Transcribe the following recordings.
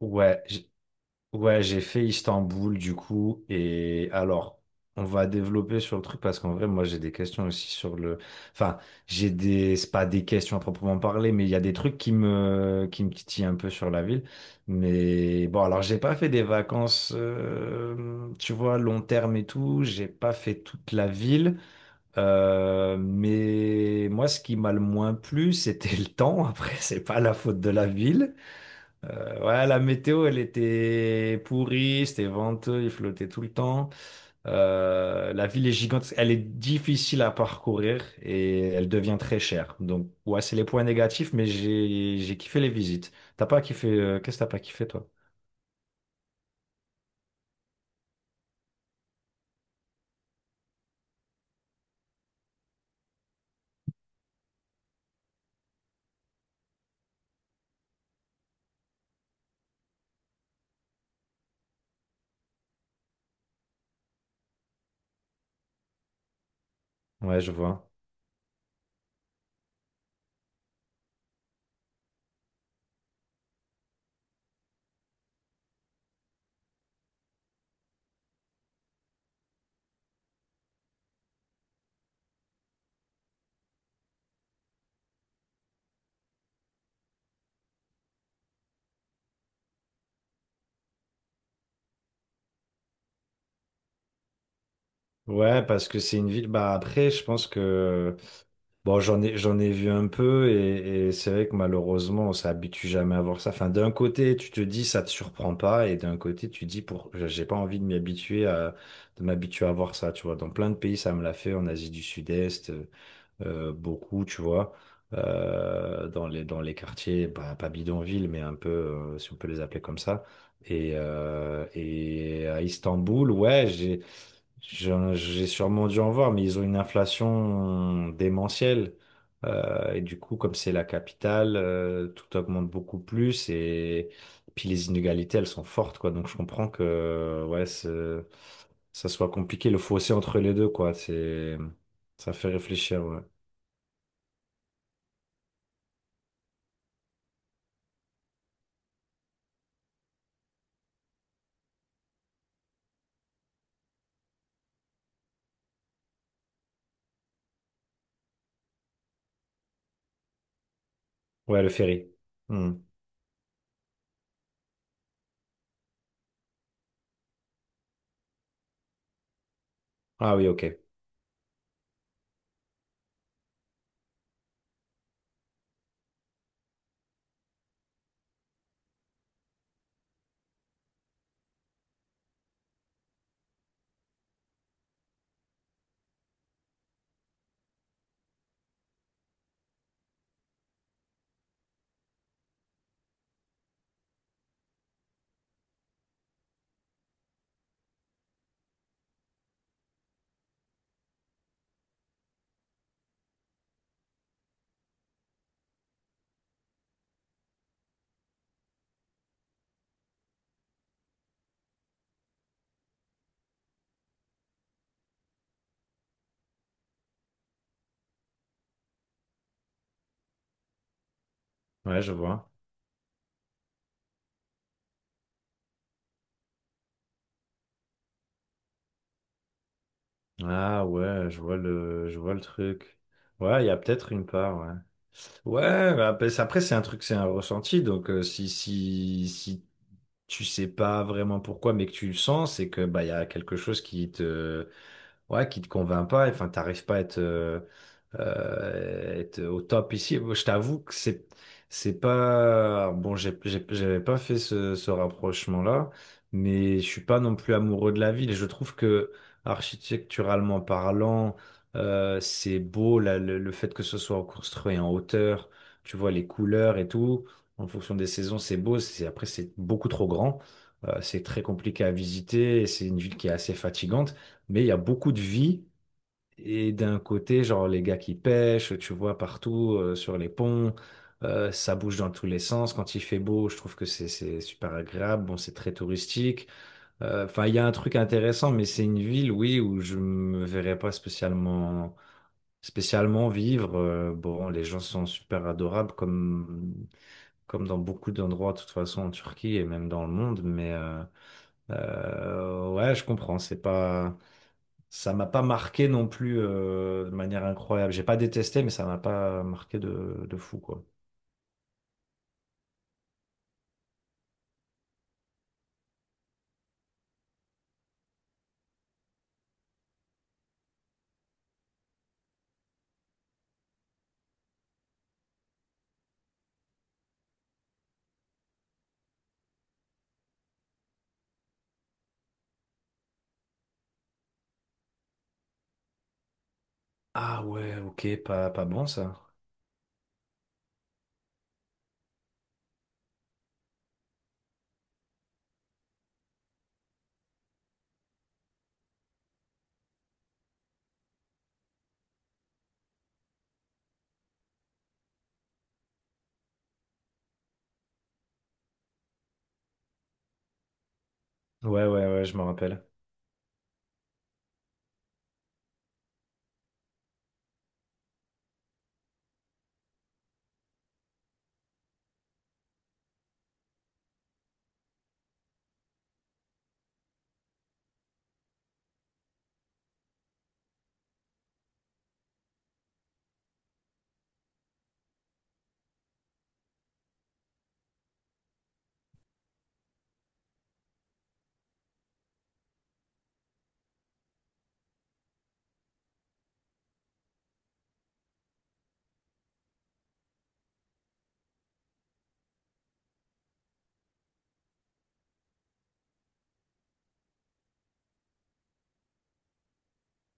Ouais, j'- ouais, j'ai fait Istanbul du coup. Et alors, on va développer sur le truc parce qu'en vrai, moi, j'ai des questions aussi sur Enfin, j'ai des. C'est pas des questions à proprement parler, mais il y a des trucs qui me titillent un peu sur la ville. Mais bon, alors, j'ai pas fait des vacances, tu vois, long terme et tout. J'ai pas fait toute la ville. Mais moi, ce qui m'a le moins plu, c'était le temps. Après, c'est pas la faute de la ville. Ouais, la météo, elle était pourrie, c'était venteux, il flottait tout le temps. La ville est gigantesque, elle est difficile à parcourir et elle devient très chère. Donc, ouais, c'est les points négatifs, mais j'ai kiffé les visites. T'as pas kiffé, qu'est-ce que t'as pas kiffé, toi? Ouais, je vois. Ouais, parce que c'est une ville. Bah après, je pense que bon, j'en ai vu un peu et c'est vrai que malheureusement, on s'habitue jamais à voir ça. Enfin, d'un côté, tu te dis, ça te surprend pas et d'un côté, tu dis, pour, j'ai pas envie de m'habituer à voir ça, tu vois. Dans plein de pays, ça me l'a fait, en Asie du Sud-Est. Beaucoup, tu vois, dans les quartiers, bah, pas bidonville, mais un peu, si on peut les appeler comme ça. Et à Istanbul, j'ai sûrement dû en voir, mais ils ont une inflation démentielle. Et du coup, comme c'est la capitale, tout augmente beaucoup plus et puis les inégalités, elles sont fortes, quoi. Donc je comprends que, ça soit compliqué, le fossé entre les deux, quoi. Ça fait réfléchir, ouais. Ouais, le ferry. Hmm. Ah oui, ok. Ouais, je vois. Ah ouais, je vois le truc. Ouais, il y a peut-être une part, ouais. Ouais, après, c'est un truc, c'est un ressenti. Donc, si tu sais pas vraiment pourquoi, mais que tu le sens, c'est que, bah, il y a quelque chose qui te, ouais, qui te convainc pas. Enfin, t'arrives pas à être au top ici. Je t'avoue que c'est pas bon. J'avais pas fait ce rapprochement-là, mais je suis pas non plus amoureux de la ville. Et je trouve que architecturalement parlant, c'est beau là, le fait que ce soit construit en hauteur. Tu vois les couleurs et tout. En fonction des saisons, c'est beau. C'est après c'est beaucoup trop grand. C'est très compliqué à visiter. Et c'est une ville qui est assez fatigante, mais il y a beaucoup de vie. Et d'un côté, genre les gars qui pêchent, tu vois partout sur les ponts, ça bouge dans tous les sens. Quand il fait beau, je trouve que c'est super agréable. Bon, c'est très touristique. Enfin, il y a un truc intéressant, mais c'est une ville, oui, où je me verrais pas spécialement vivre. Bon, les gens sont super adorables, comme dans beaucoup d'endroits, de toute façon en Turquie et même dans le monde. Mais ouais, je comprends. C'est pas Ça m'a pas marqué non plus de manière incroyable. J'ai pas détesté, mais ça m'a pas marqué de fou, quoi. Ah ouais, ok, pas, pas bon ça. Ouais, ouais, ouais, je me rappelle.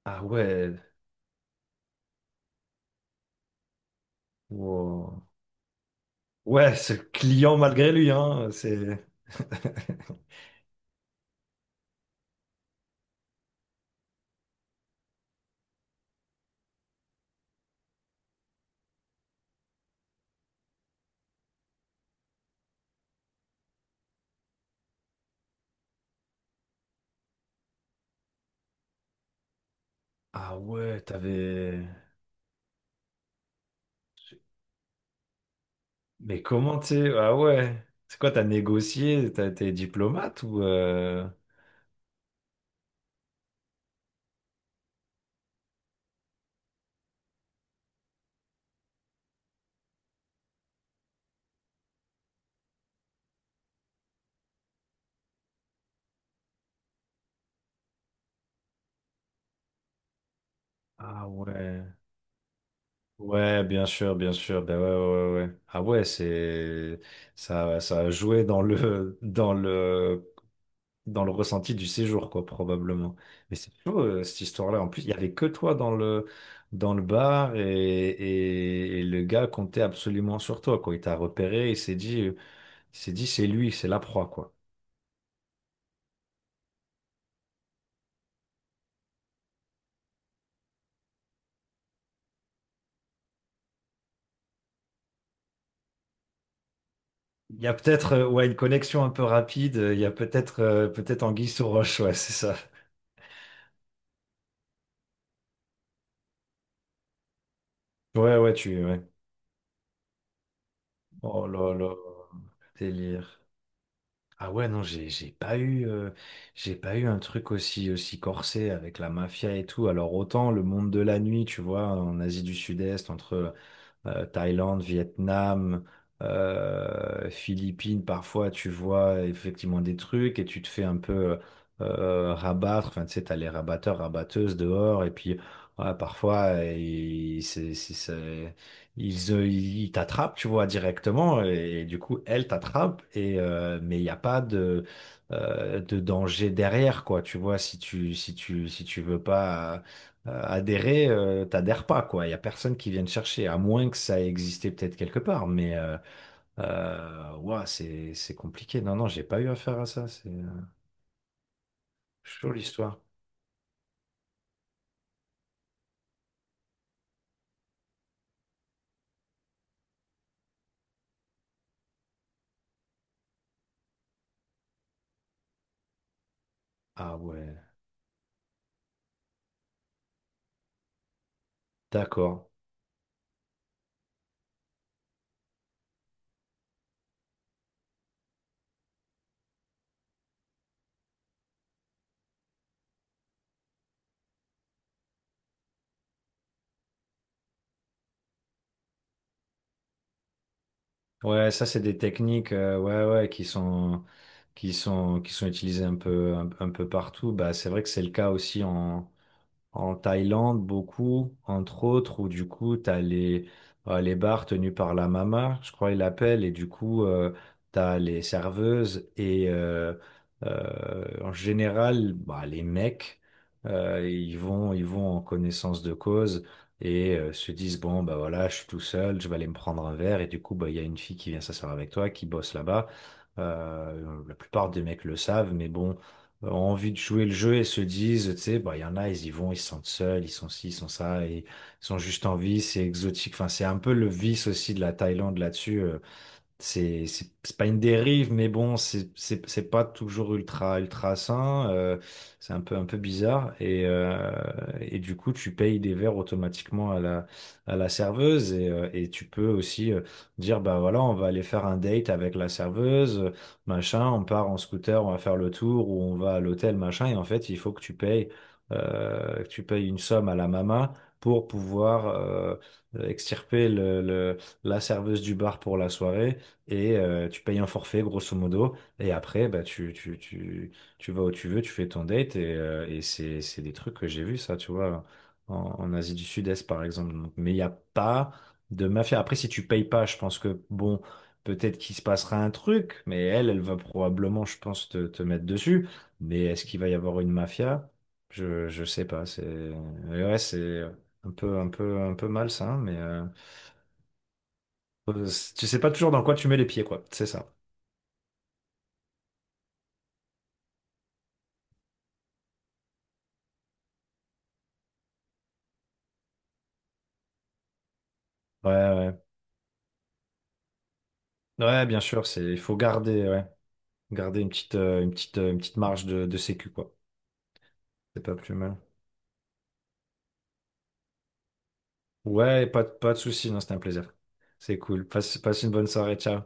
Ah ouais, wow. Ouais, ce client malgré lui, hein, c'est... Ah ouais, t'avais... Mais comment t'es... Ah ouais, c'est quoi, t'as négocié, t'as été diplomate ou... Ah ouais. Ouais, bien sûr, bien sûr. Ben ouais, ouais, ouais. Ouais. Ah ouais, ça a joué dans le dans le ressenti du séjour, quoi, probablement. Mais c'est chaud cette histoire-là. En plus, il y avait que toi dans le bar et le gars comptait absolument sur toi, quoi. Il t'a repéré, il s'est dit, c'est lui, c'est la proie, quoi. Il y a peut-être ouais une connexion un peu rapide. Il y a peut-être anguille sous roche, ouais, c'est ça. Ouais. Oh là là, délire. Ah ouais, non, j'ai pas eu j'ai pas eu un truc aussi corsé avec la mafia et tout. Alors autant le monde de la nuit, tu vois, en Asie du Sud-Est, entre Thaïlande, Vietnam, Philippines, parfois tu vois effectivement des trucs et tu te fais un peu rabattre. Enfin, tu sais, t'as les rabatteurs, rabatteuses dehors et puis ouais, parfois ils, c'est- ils, ils t'attrapent, tu vois, directement et du coup elle t'attrape et mais il n'y a pas de de danger derrière quoi tu vois si tu veux pas adhérer, t'adhères pas, quoi. Il y a personne qui vienne chercher, à moins que ça ait existé peut-être quelque part. Mais ouah, c'est compliqué. Non, non, j'ai pas eu affaire à ça. C'est Chaud l'histoire. Ah ouais, d'accord. Ouais, ça c'est des techniques, ouais, ouais, qui sont utilisées un peu un peu partout. Bah, c'est vrai que c'est le cas aussi en Thaïlande, beaucoup, entre autres, où du coup, les bars tenus par la mama, je crois ils l'appellent, et du coup, tu as les serveuses, et en général, bah, les mecs, ils vont en connaissance de cause, et se disent, bon, bah voilà, je suis tout seul, je vais aller me prendre un verre, et du coup, bah, il y a une fille qui vient s'asseoir avec toi, qui bosse là-bas. La plupart des mecs le savent, mais bon ont envie de jouer le jeu et se disent, tu sais, bah, il y en a, ils y vont, ils se sentent seuls, ils sont ci, ils sont ça, et ils sont juste en vie, c'est exotique. Enfin, c'est un peu le vice aussi de la Thaïlande là-dessus. C'est pas une dérive, mais bon, c'est pas toujours ultra sain. C'est un peu bizarre et du coup, tu payes des verres automatiquement à la serveuse et tu peux aussi dire bah voilà, on va aller faire un date avec la serveuse, machin. On part en scooter, on va faire le tour ou on va à l'hôtel, machin. Et en fait, il faut que tu payes une somme à la maman pour pouvoir extirper la serveuse du bar pour la soirée et tu payes un forfait grosso modo et après bah tu vas où tu veux tu fais ton date et et c'est des trucs que j'ai vu ça tu vois en Asie du Sud-Est par exemple. Donc, mais il n'y a pas de mafia après si tu payes pas je pense que bon peut-être qu'il se passera un truc mais elle va probablement je pense te mettre dessus mais est-ce qu'il va y avoir une mafia je sais pas c'est mais ouais c'est un peu un peu malsain mais tu sais pas toujours dans quoi tu mets les pieds quoi c'est ça. Ouais, ouais. Ouais, bien sûr, c'est, il faut garder, ouais. Garder une petite, une petite, une petite marge de sécu, quoi. C'est pas plus mal. Ouais, pas de soucis, non, c'était un plaisir. C'est cool. Passe, passe une bonne soirée, ciao.